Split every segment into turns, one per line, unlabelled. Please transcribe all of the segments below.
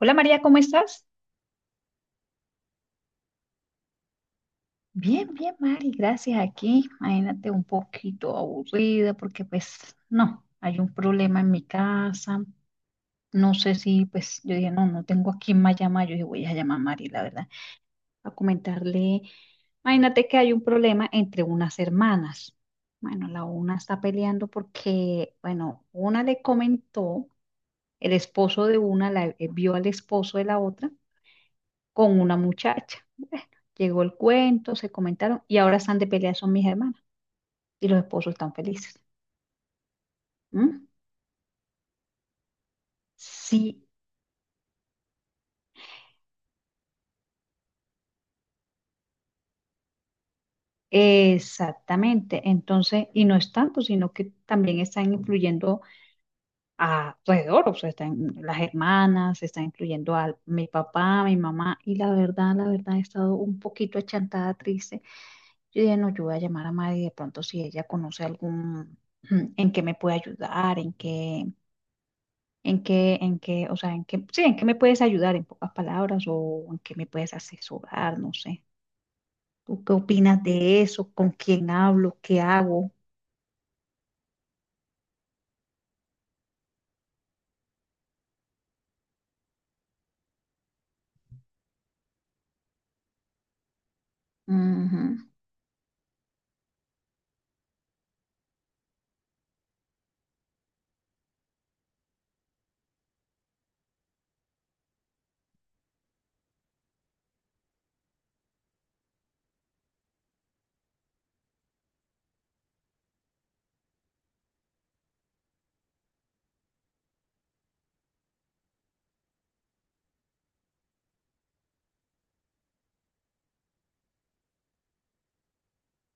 Hola María, ¿cómo estás? Bien, bien, Mari, gracias. Aquí, imagínate un poquito aburrida porque pues no, hay un problema en mi casa. No sé si pues yo dije, no, no tengo a quién más llamar. Yo dije, voy a llamar a Mari, la verdad, a comentarle. Imagínate que hay un problema entre unas hermanas. Bueno, la una está peleando porque, bueno, una le comentó, el esposo de una la, vio al esposo de la otra con una muchacha. Llegó el cuento, se comentaron y ahora están de pelea, son mis hermanas y los esposos están felices. ¿Mm? Sí, exactamente. Entonces, y no es tanto, sino que también están influyendo a alrededor, o sea, están las hermanas, están influyendo a mi papá, mi mamá, y la verdad, he estado un poquito achantada, triste. Yo dije, no, yo voy a llamar a Mari de pronto si ella conoce algún, en qué me puede ayudar, en qué ¿En qué, en qué, o sea, en qué, sí, en qué me puedes ayudar en pocas palabras o en qué me puedes asesorar? No sé. ¿Tú qué opinas de eso? ¿Con quién hablo? ¿Qué hago? Ujú.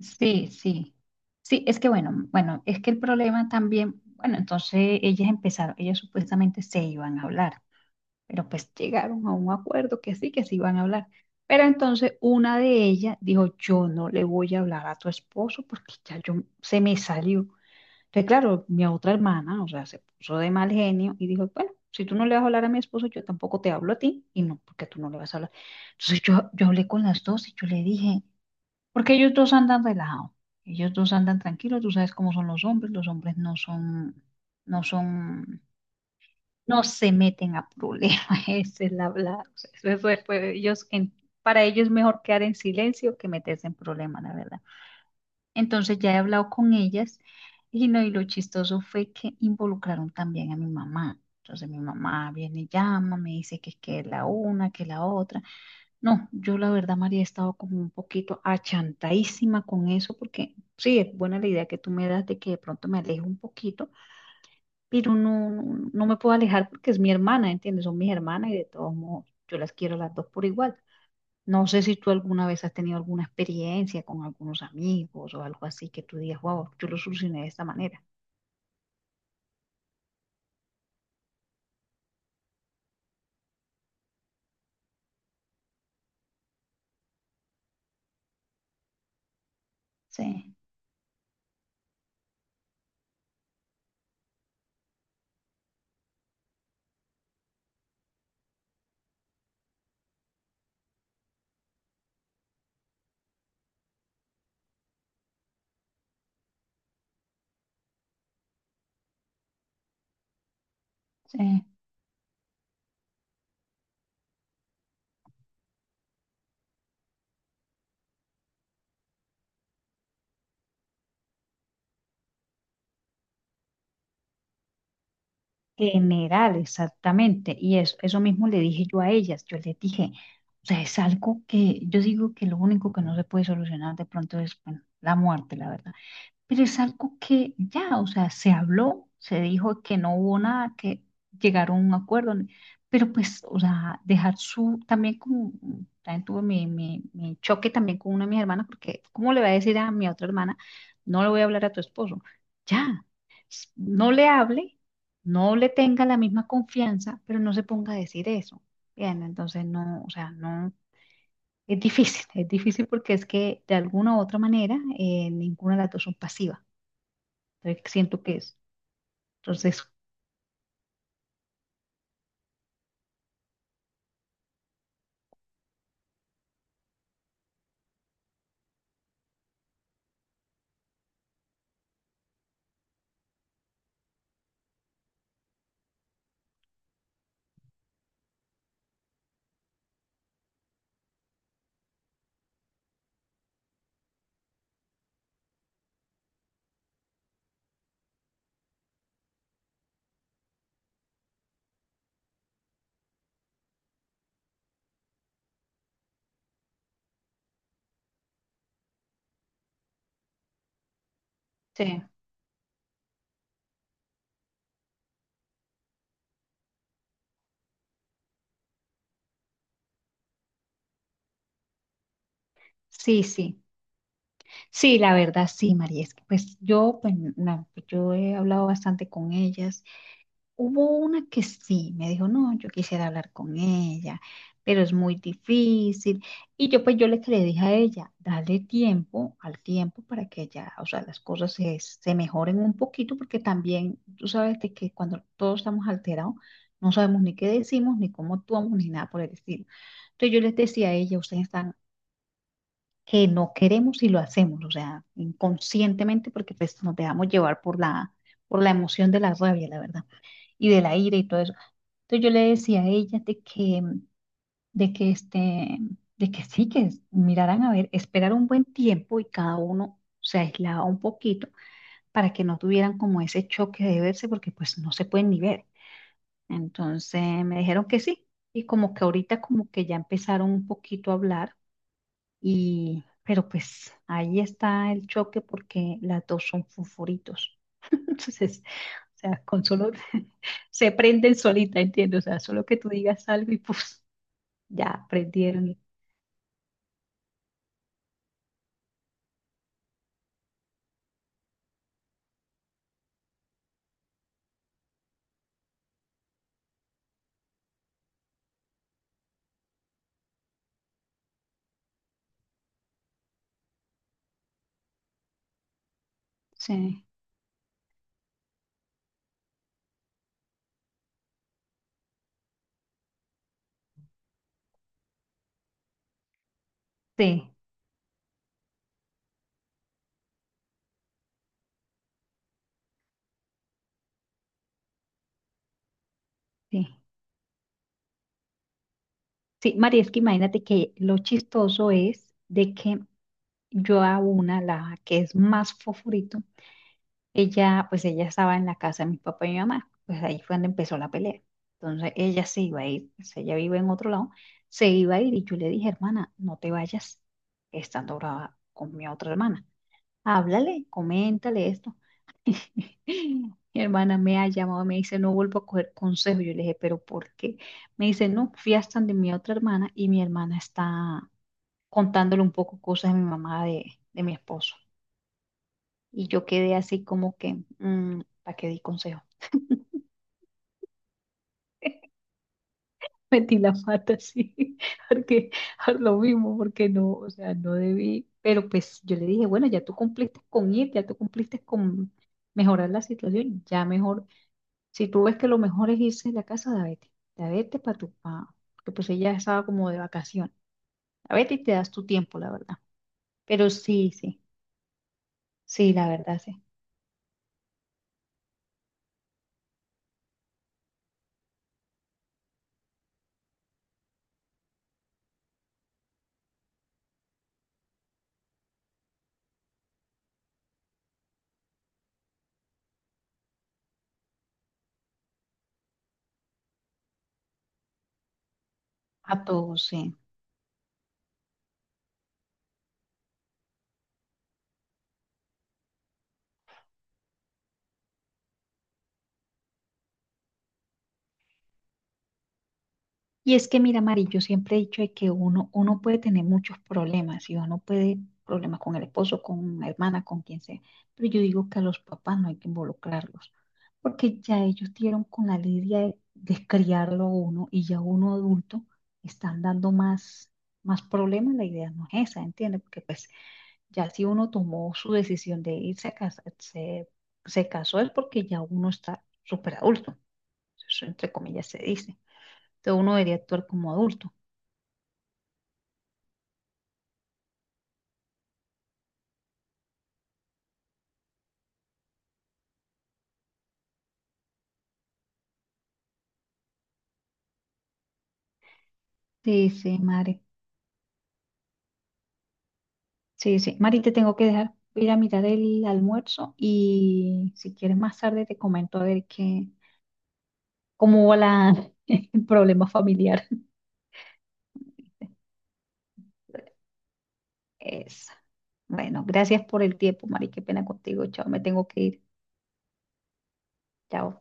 Sí, sí. Sí, es que bueno, bueno, es que el problema también, bueno, entonces ellas empezaron, ellas supuestamente se iban a hablar, pero pues llegaron a un acuerdo que sí, que se iban a hablar. Pero entonces una de ellas dijo, yo no le voy a hablar a tu esposo porque ya yo se me salió. Entonces, claro, mi otra hermana, o sea, se puso de mal genio y dijo, bueno, si tú no le vas a hablar a mi esposo, yo tampoco te hablo a ti, y no, porque tú no le vas a hablar. Entonces yo hablé con las dos y yo le dije, porque ellos dos andan relajados, ellos dos andan tranquilos, tú sabes cómo son los hombres no son, no se meten a problemas, esa es la, o sea, eso es, pues, ellos, para ellos es mejor quedar en silencio que meterse en problemas, la verdad. Entonces ya he hablado con ellas y, no, y lo chistoso fue que involucraron también a mi mamá. Entonces mi mamá viene y llama, me dice que la una, que la otra. No, yo la verdad, María, he estado como un poquito achantadísima con eso porque sí, es buena la idea que tú me das de que de pronto me aleje un poquito, pero no, me puedo alejar porque es mi hermana, ¿entiendes? Son mis hermanas y de todos modos yo las quiero las dos por igual. No sé si tú alguna vez has tenido alguna experiencia con algunos amigos o algo así que tú digas, wow, yo lo solucioné de esta manera. Sí, sí. General, exactamente. Y eso mismo le dije yo a ellas. Yo les dije, o sea, es algo que yo digo que lo único que no se puede solucionar de pronto es, bueno, la muerte, la verdad. Pero es algo que ya, o sea, se habló, se dijo que no hubo nada, que llegaron a un acuerdo, pero pues, o sea, dejar su, también como, también tuve mi, mi choque también con una de mis hermanas, porque ¿cómo le voy a decir a mi otra hermana, no le voy a hablar a tu esposo? Ya, no le hable, no le tenga la misma confianza, pero no se ponga a decir eso. Bien, entonces no, o sea, no. Es difícil porque es que de alguna u otra manera ninguna de las dos son pasivas. Entonces, siento que es. Entonces, sí. Sí, sí. Sí, la verdad, sí, María. Es que pues yo, pues, yo he hablado bastante con ellas. Hubo una que sí, me dijo, no, yo quisiera hablar con ella, pero es muy difícil. Y yo pues yo le, que le dije a ella, dale tiempo al tiempo para que ella, o sea, las cosas se, se mejoren un poquito, porque también tú sabes de que cuando todos estamos alterados, no sabemos ni qué decimos, ni cómo actuamos, ni nada por el estilo. Entonces yo les decía a ella, ustedes están que no queremos y lo hacemos, o sea, inconscientemente, porque pues nos dejamos llevar por la emoción de la rabia, la verdad y de la ira y todo eso. Entonces yo le decía a ella de que este, de que sí, que miraran a ver, esperar un buen tiempo y cada uno se aislaba un poquito para que no tuvieran como ese choque de verse porque pues no se pueden ni ver. Entonces me dijeron que sí y como que ahorita como que ya empezaron un poquito a hablar y, pero pues ahí está el choque porque las dos son fosforitos. Entonces, o sea, con solo se prenden solita, entiendo. O sea, solo que tú digas algo y pues ya prendieron. Sí, sí, sí. Sí, María, es que imagínate que lo chistoso es de que yo a una, la que es más fofurito, ella, pues ella estaba en la casa de mi papá y mi mamá. Pues ahí fue donde empezó la pelea. Entonces ella se iba a ir, pues, ella vive en otro lado, se iba a ir y yo le dije, hermana, no te vayas, estando brava con mi otra hermana. Háblale, coméntale esto. Mi hermana me ha llamado, me dice, no vuelvo a coger consejo. Yo le dije, ¿pero por qué? Me dice, no, fui hasta de mi otra hermana y mi hermana está contándole un poco cosas de mi mamá, de mi esposo. Y yo quedé así como que, ¿para qué di consejo? Metí la pata así, porque por lo mismo, porque no, o sea, no debí. Pero pues yo le dije, bueno, ya tú cumpliste con ir, ya tú cumpliste con mejorar la situación, ya mejor si tú ves que lo mejor es irse de la casa de Betty para tu pa, que pues ella estaba como de vacación. A Betty te das tu tiempo, la verdad. Pero sí, sí, sí, la verdad, sí. A todos, sí. Y es que, mira, Mari, yo siempre he dicho de que uno, uno puede tener muchos problemas y uno puede problemas con el esposo, con la hermana, con quien sea, pero yo digo que a los papás no hay que involucrarlos, porque ya ellos dieron con la lidia de criarlo a uno y ya uno adulto están dando más, más problemas, la idea no es esa, ¿entiendes? Porque pues ya si uno tomó su decisión de irse a casa, se casó es porque ya uno está súper adulto, eso entre comillas se dice. Entonces uno debería actuar como adulto. Sí, sí, Mari. Sí, sí. Mari, te tengo que dejar. Voy a ir a mirar el almuerzo y si quieres más tarde te comento a ver qué, cómo va la, el problema familiar. Eso. Bueno, gracias por el tiempo, Mari. Qué pena contigo. Chao, me tengo que ir. Chao.